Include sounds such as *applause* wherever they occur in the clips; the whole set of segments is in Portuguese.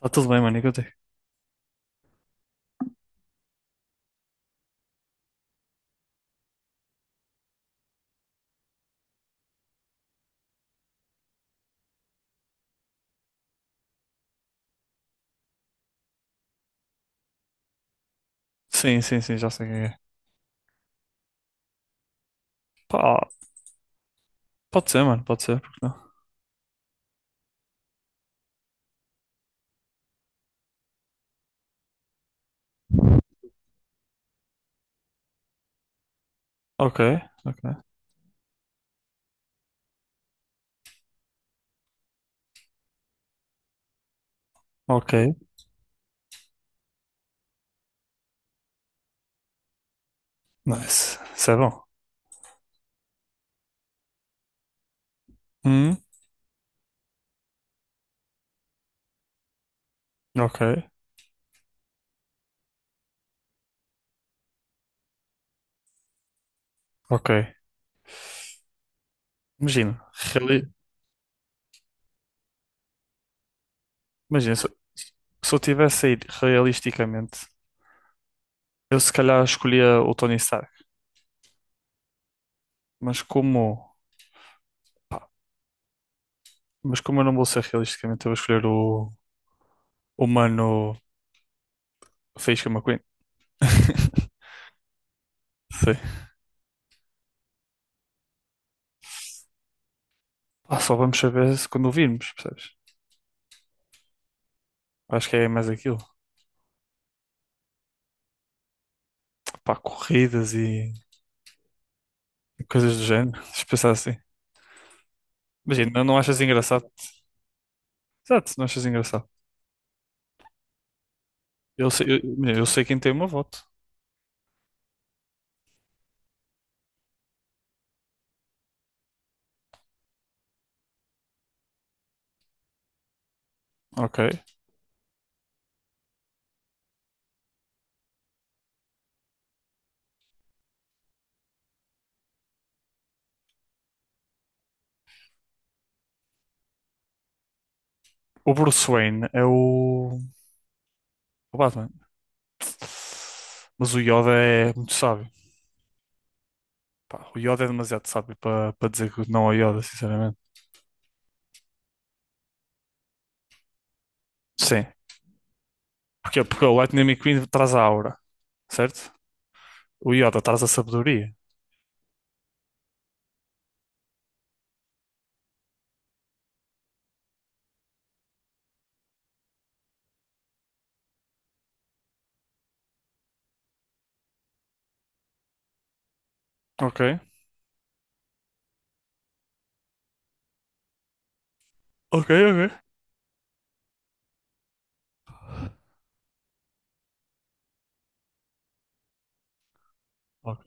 Tá tudo bem, mano, e contigo? Sim, sim, sim, já sei quem é. Pá, pode ser, mano, pode ser, porque não? Ok, ok, ok, nice, isso é bom. Hum, ok, ok. Imagina, imagina, se, se eu tivesse a ir realisticamente, eu se calhar escolhia o Tony Stark, mas como, pá, mas como eu não vou ser realisticamente, eu vou escolher o mano Faísca McQueen. *laughs* Sim. Pá, só vamos saber se quando o virmos, percebes? Acho que é mais aquilo. Pá, corridas e coisas do género. Se pensar assim. Imagina, não achas engraçado? Exato, não achas engraçado. Eu sei, eu, imagina, eu sei quem tem o meu voto. Ok. O Bruce Wayne é o Batman. Mas o Yoda é muito sábio. Pá, o Yoda é demasiado sábio para dizer que não ao Yoda, sinceramente. Sim. Porquê? Porque o Lightning McQueen traz a aura, certo? O Yoda traz a sabedoria. Ok. Ok, ok. Ok.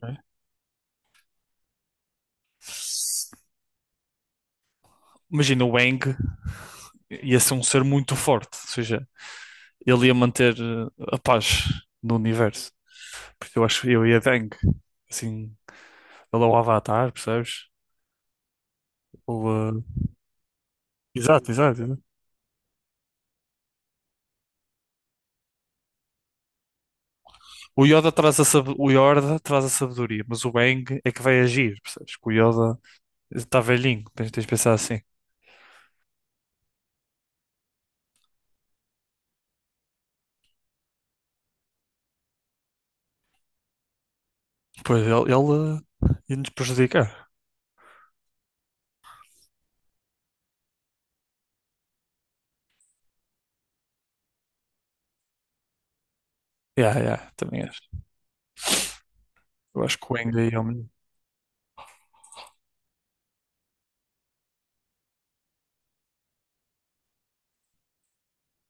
Imagina o Aang ia ser um ser muito forte, ou seja, ele ia manter a paz no universo. Porque eu acho que eu ia de Aang. Assim, ele é o Avatar, percebes? Ele, eh, Exato, exato. O Yoda traz a sabedoria, mas o Aang é que vai agir, percebes? Que o Yoda está velhinho, tens de pensar assim. Pois ele ia nos prejudicar. Yeah, yeah, também acho. Eu acho que o Aang aí é o melhor.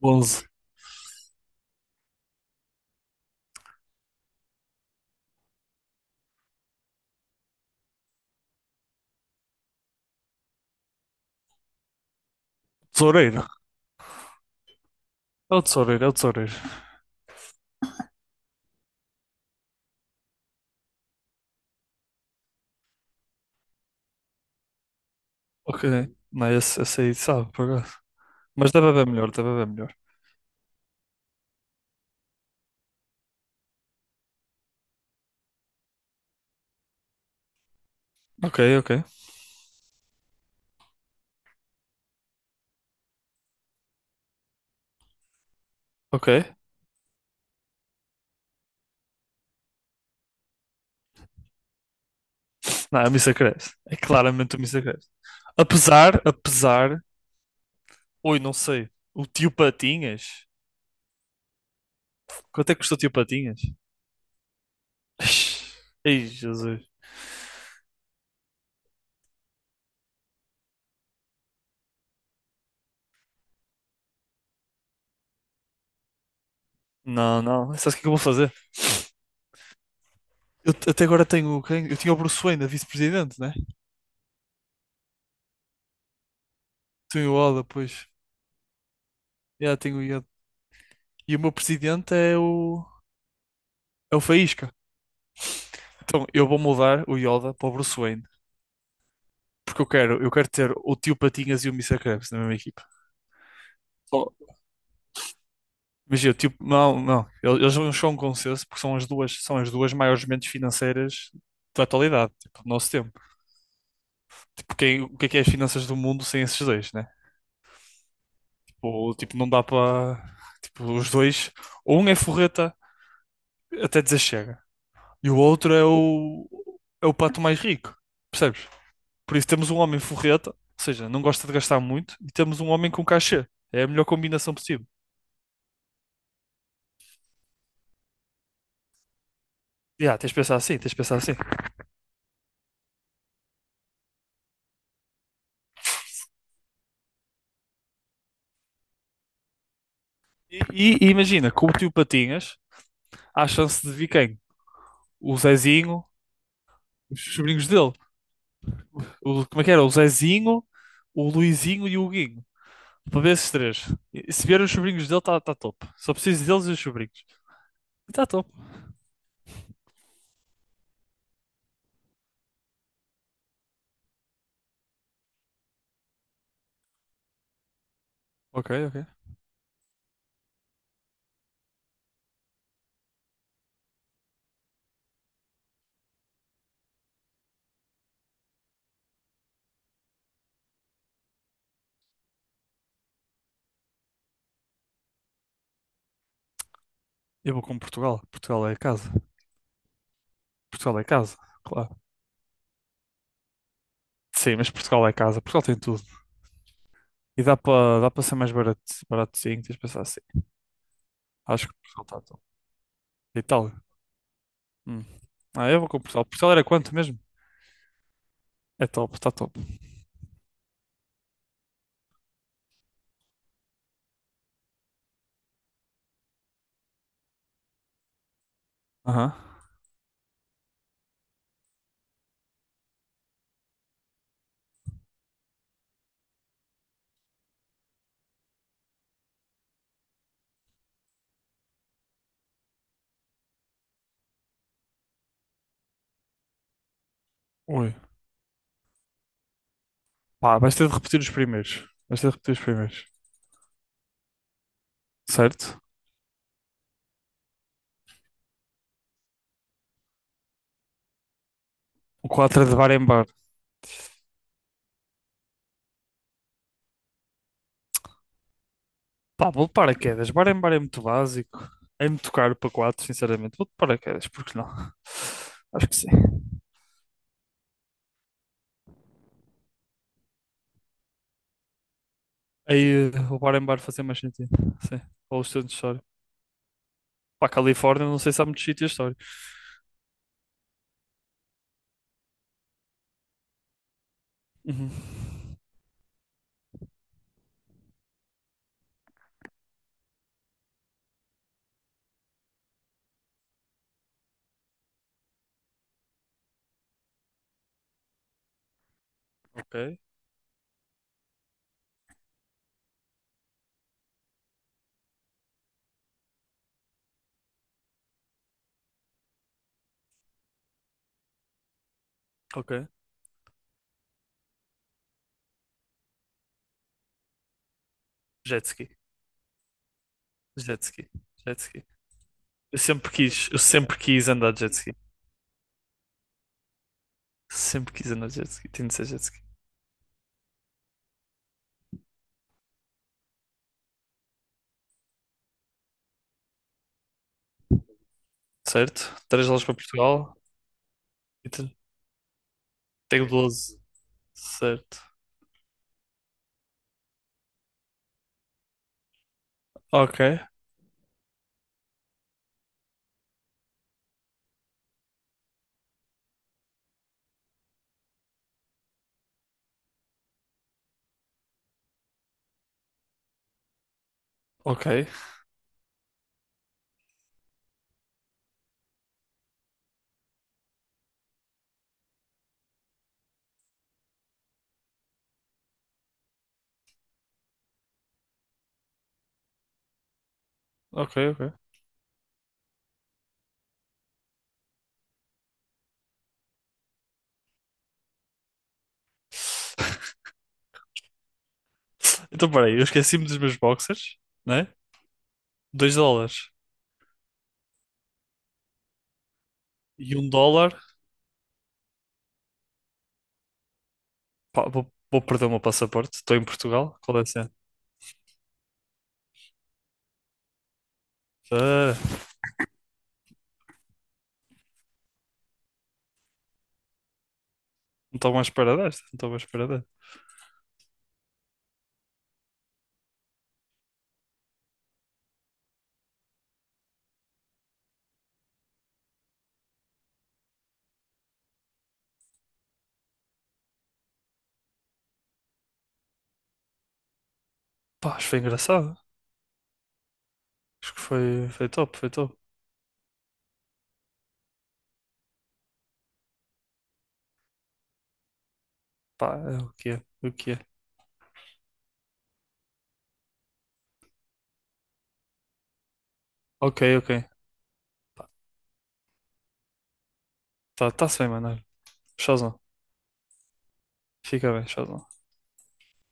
11. Tesoureiro. É o tesoureiro, é o tesoureiro. Ok. Não, esse aí sabe, por acaso. Mas deve haver melhor, deve haver melhor. Ok, ok, ok. Não, é o Mr. Krabs. É claramente o Mr. Krabs. Apesar, apesar... Oi, não sei. O tio Patinhas. Quanto é que custou o tio Patinhas? *laughs* Ei, Jesus. Não, não. Sabes o que é que eu vou fazer? Até agora tenho quem? Eu tinha o Bruce Wayne, a vice-presidente, né? Tenho o Oda, pois. Já tenho o Yoda. E o meu presidente é o. É o Faísca. Então eu vou mudar o Yoda para o Bruce Wayne. Porque eu quero ter o tio Patinhas e o Mister Krabs na mesma equipa. Só- Imagina, o tio. Não, não. Eles não chegam a um consenso porque são as duas maiores mentes financeiras da atualidade, tipo, do nosso tempo. Tipo, quem, o que é as finanças do mundo sem esses dois, né? Ou, tipo, não dá para. Tipo, os dois. Ou um é forreta até dizer chega. E o outro é o. É o pato mais rico. Percebes? Por isso temos um homem forreta, ou seja, não gosta de gastar muito, e temos um homem com cachê. É a melhor combinação possível. Yeah, tens de pensar assim, tens de pensar assim. E imagina, com o tio Patinhas, há chance de vir quem? O Zezinho, os sobrinhos dele. O, como é que era? O Zezinho, o Luizinho e o Guinho. Para ver esses três. E se vier os sobrinhos dele, está top. Só preciso deles e os sobrinhos. E está top. Ok, ok. Eu vou com Portugal. Portugal é casa. Portugal é casa, claro. Sim, mas Portugal é casa. Portugal tem tudo. E dá para ser mais barato, baratozinho, tens de pensar assim. Acho que Portugal está top. Itália. Hum. Ah, eu vou com Portugal. Portugal era quanto mesmo? É top, está top. Aham. Ui. Pá, vais ter de repetir os primeiros. Vais ter de repetir os primeiros. Certo? O quatro é de bar em bar. Pá, vou de paraquedas. Bar em bar é muito básico. É muito caro para quatro, sinceramente. Vou de paraquedas, porque não? *laughs* Acho que sim. Aí, o bar em bar fazia mais sentido. Sim. Ou o centro histórico. Para a Califórnia, não sei se há muitos sítios históricos. Uhum. Ok, ok. Jet ski. Jet ski. Jet ski. Eu sempre quis andar de jet ski. Sempre quis andar de jet ski. Tinha de ser jet ski. Certo? Três aulas para Portugal. E te- Tenho 12. Certo. Ok, ok, ok, ok. *laughs* Então, peraí, eu esqueci-me dos meus boxers, né? 2 dólares. E 1 dólar. Pá, vou perder o meu passaporte. Estou em Portugal. Qual é a cena? Ah, não estou mais para desta. Não estou mais para desta. Pá, acho que foi engraçado. Acho que foi top, foi top. Pá, é o que é, o que é. Ok, ok. Tá, tá-se bem, mano. Olha. Showzão. Fica bem, showzão.